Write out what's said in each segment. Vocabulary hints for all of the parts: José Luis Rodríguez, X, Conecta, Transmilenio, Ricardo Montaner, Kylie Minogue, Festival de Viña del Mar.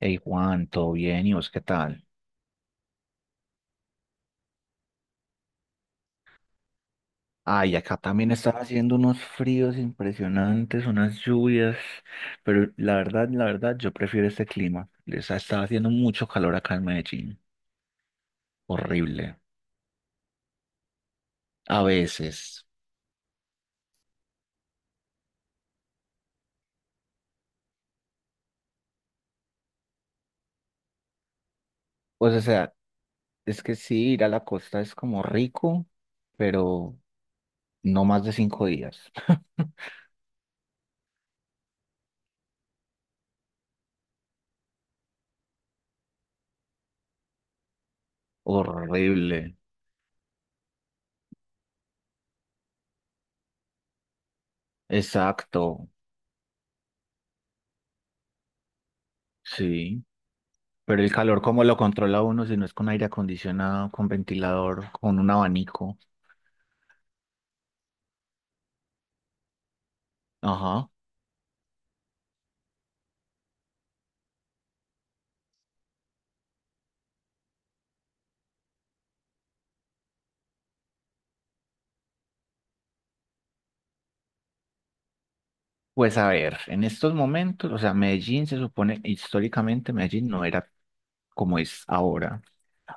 Hey Juan, ¿todo bien? ¿Y vos qué tal? Ay, acá también estaba haciendo unos fríos impresionantes, unas lluvias, pero la verdad, yo prefiero este clima. Les ha estado haciendo mucho calor acá en Medellín. Horrible. A veces. Pues, o sea, es que sí, ir a la costa es como rico, pero no más de 5 días. Horrible. Exacto. Sí. Pero el calor, ¿cómo lo controla uno si no es con aire acondicionado, con ventilador, con un abanico? Ajá. Pues a ver, en estos momentos, o sea, Medellín se supone, históricamente Medellín no era como es ahora.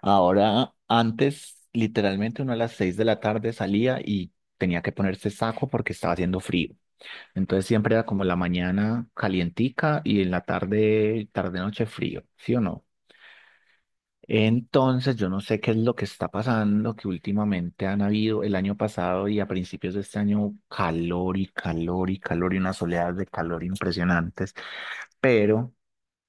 Ahora, antes, literalmente uno a las 6 de la tarde salía y tenía que ponerse saco porque estaba haciendo frío. Entonces siempre era como la mañana calientica y en la tarde, tarde noche frío, ¿sí o no? Entonces, yo no sé qué es lo que está pasando, que últimamente han habido el año pasado y a principios de este año calor y calor y calor y unas oleadas de calor impresionantes, pero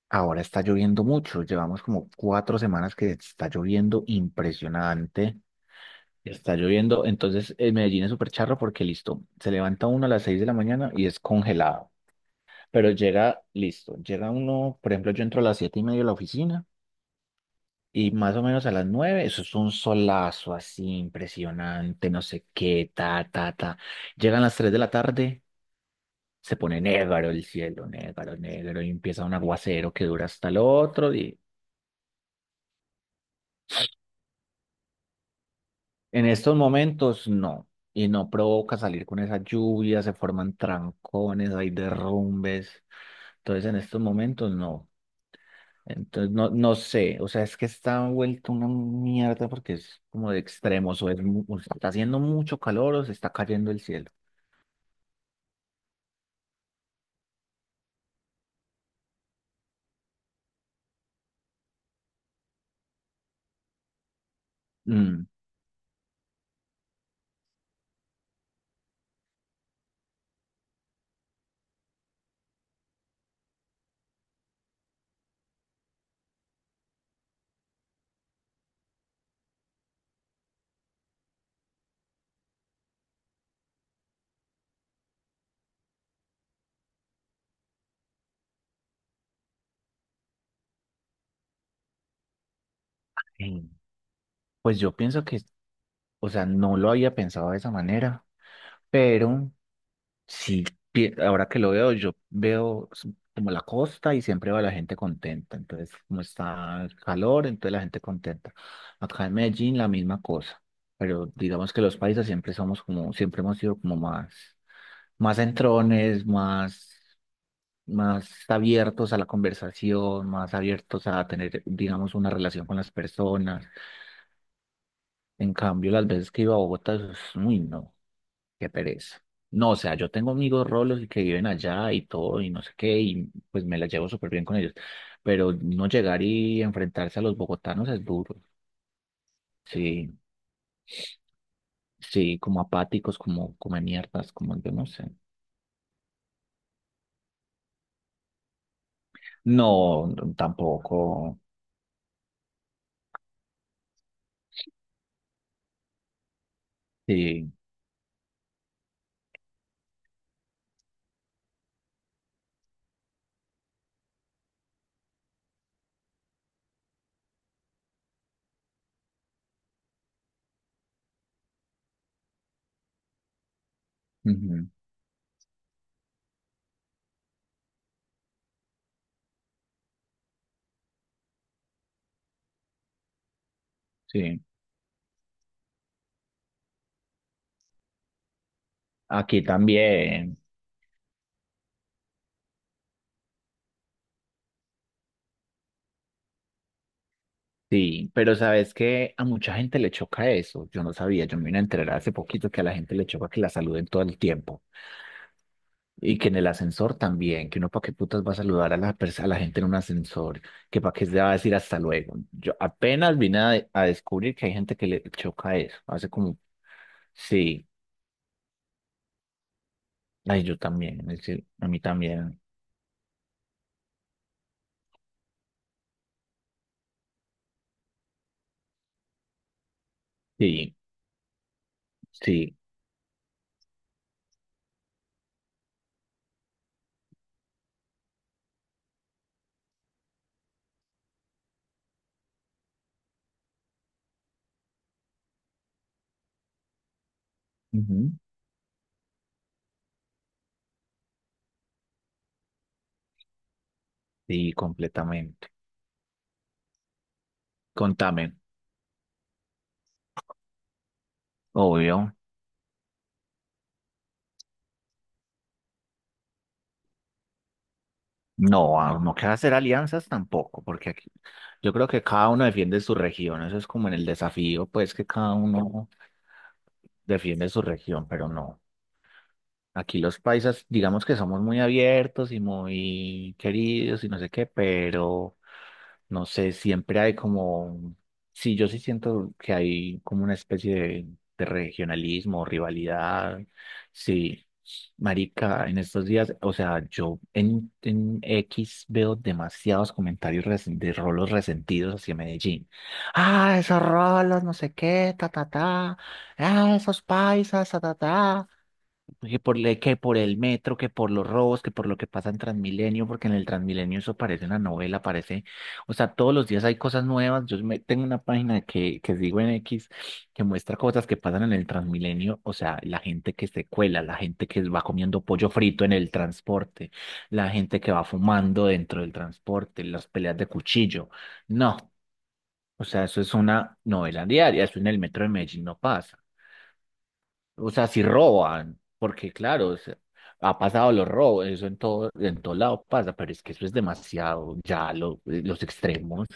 ahora está lloviendo mucho. Llevamos como 4 semanas que está lloviendo impresionante. Está lloviendo, entonces en Medellín es súper charro porque listo, se levanta uno a las 6 de la mañana y es congelado, pero llega, listo, llega uno, por ejemplo, yo entro a las 7:30 a la oficina. Y más o menos a las 9, eso es un solazo así impresionante, no sé qué, ta, ta, ta. Llegan las 3 de la tarde, se pone negro el cielo, negro, negro, y empieza un aguacero que dura hasta el otro día. En estos momentos no, y no provoca salir con esa lluvia, se forman trancones, hay derrumbes. Entonces en estos momentos no. Entonces, no, no sé, o sea, es que está vuelto una mierda porque es como de extremos, o está haciendo mucho calor o se está cayendo el cielo. Mm, sí. Pues yo pienso que, o sea, no lo había pensado de esa manera, pero sí, ahora que lo veo, como la costa y siempre va la gente contenta. Entonces, como está el calor, entonces la gente contenta. Acá en Medellín la misma cosa, pero digamos que los países siempre somos como, siempre hemos sido como más. Más entrones, más abiertos a la conversación, más abiertos a tener, digamos, una relación con las personas. En cambio, las veces que iba a Bogotá, eso es, uy, no, qué pereza. No, o sea, yo tengo amigos rolos y que viven allá y todo y no sé qué, y pues me la llevo súper bien con ellos. Pero no llegar y enfrentarse a los bogotanos es duro. Sí, sí, como apáticos, como come mierdas, como yo no sé. No, no, tampoco. Sí, ujú, sí. Aquí también, sí, pero sabes que a mucha gente le choca eso. Yo no sabía, yo me vine a enterar hace poquito que a la gente le choca que la saluden todo el tiempo y que en el ascensor también, que uno para qué putas va a saludar a la gente en un ascensor, que para qué se va a decir hasta luego. Yo apenas vine a descubrir que hay gente que le choca eso. Hace como, sí, ay, yo también, es decir, a mí también, sí, sí, ujú, sí, completamente. Contame, obvio. No, no queda hacer alianzas tampoco, porque aquí, yo creo que cada uno defiende su región, eso es como en el desafío, pues que cada uno defiende su región, pero no. Aquí los paisas, digamos que somos muy abiertos y muy queridos y no sé qué, pero no sé, siempre hay como, sí, yo sí siento que hay como una especie de regionalismo, rivalidad, sí, marica, en estos días, o sea, yo en X veo demasiados comentarios de rolos resentidos hacia Medellín. Ah, esos rolos, no sé qué, ta, ta, ta, ah, esos paisas, ta, ta, ta. Que por el metro, que por los robos, que por lo que pasa en Transmilenio, porque en el Transmilenio eso parece una novela, parece, o sea, todos los días hay cosas nuevas. Tengo una página que sigo en X que muestra cosas que pasan en el Transmilenio, o sea, la gente que se cuela, la gente que va comiendo pollo frito en el transporte, la gente que va fumando dentro del transporte, las peleas de cuchillo. No, o sea, eso es una novela diaria, eso en el metro de Medellín no pasa. O sea, si roban, porque claro, o sea, ha pasado los robos, eso en todo, lado pasa, pero es que eso es demasiado, ya los extremos.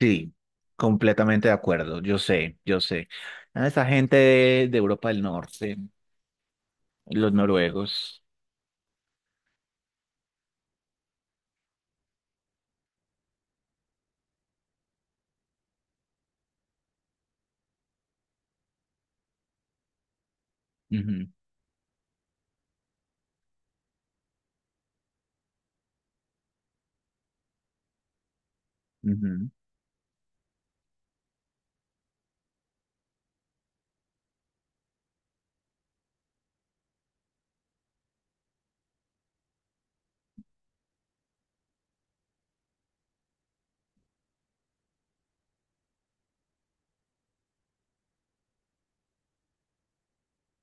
Sí, completamente de acuerdo, yo sé, yo sé. Ah, esa gente de Europa del Norte, los noruegos. Ujú, ujú,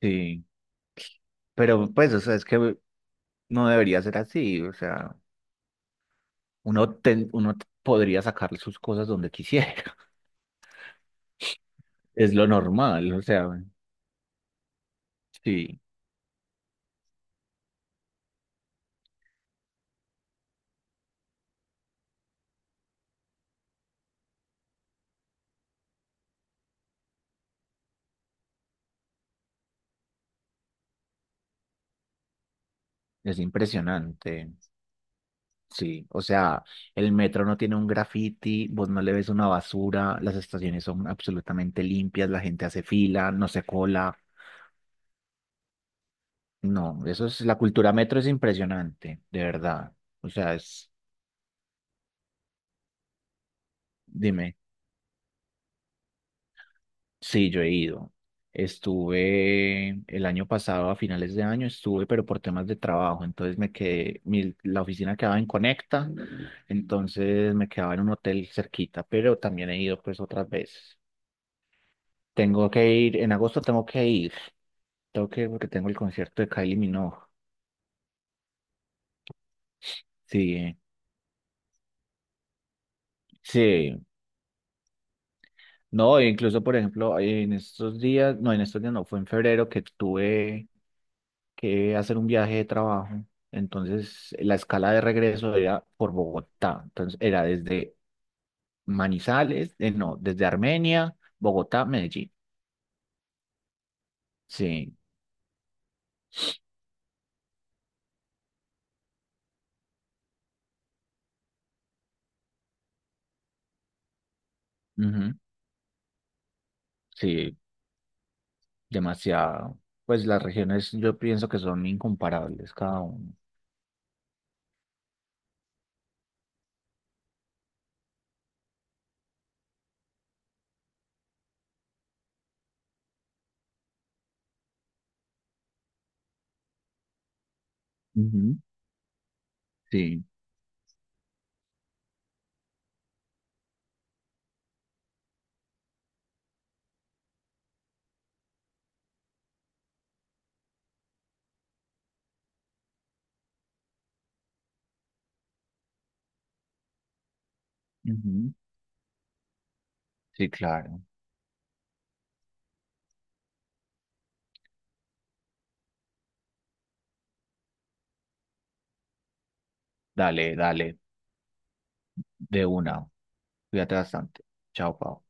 sí, pero pues, o sea, es que no debería ser así, o sea, uno podría sacarle sus cosas donde quisiera, es lo normal, o sea, sí, es impresionante. Sí, o sea, el metro no tiene un graffiti, vos no le ves una basura, las estaciones son absolutamente limpias, la gente hace fila, no se cola. No, eso es, la cultura metro es impresionante, de verdad. O sea, es, dime, sí, yo he ido. Estuve el año pasado, a finales de año, estuve, pero por temas de trabajo, entonces me quedé, la oficina quedaba en Conecta, entonces me quedaba en un hotel cerquita, pero también he ido pues otras veces. Tengo que ir, en agosto tengo que ir. Tengo que ir porque tengo el concierto de Kylie Minogue. Sí, sí. No, e incluso, por ejemplo, en estos días, no, en estos días no, fue en febrero que tuve que hacer un viaje de trabajo. Entonces, la escala de regreso era por Bogotá. Entonces, era desde Manizales, no, desde Armenia, Bogotá, Medellín. Sí, ujú, sí, demasiado. Pues las regiones yo pienso que son incomparables cada uno. Sí, ujú, sí, claro. Dale, dale, de una. Cuídate bastante. Chao, Pau.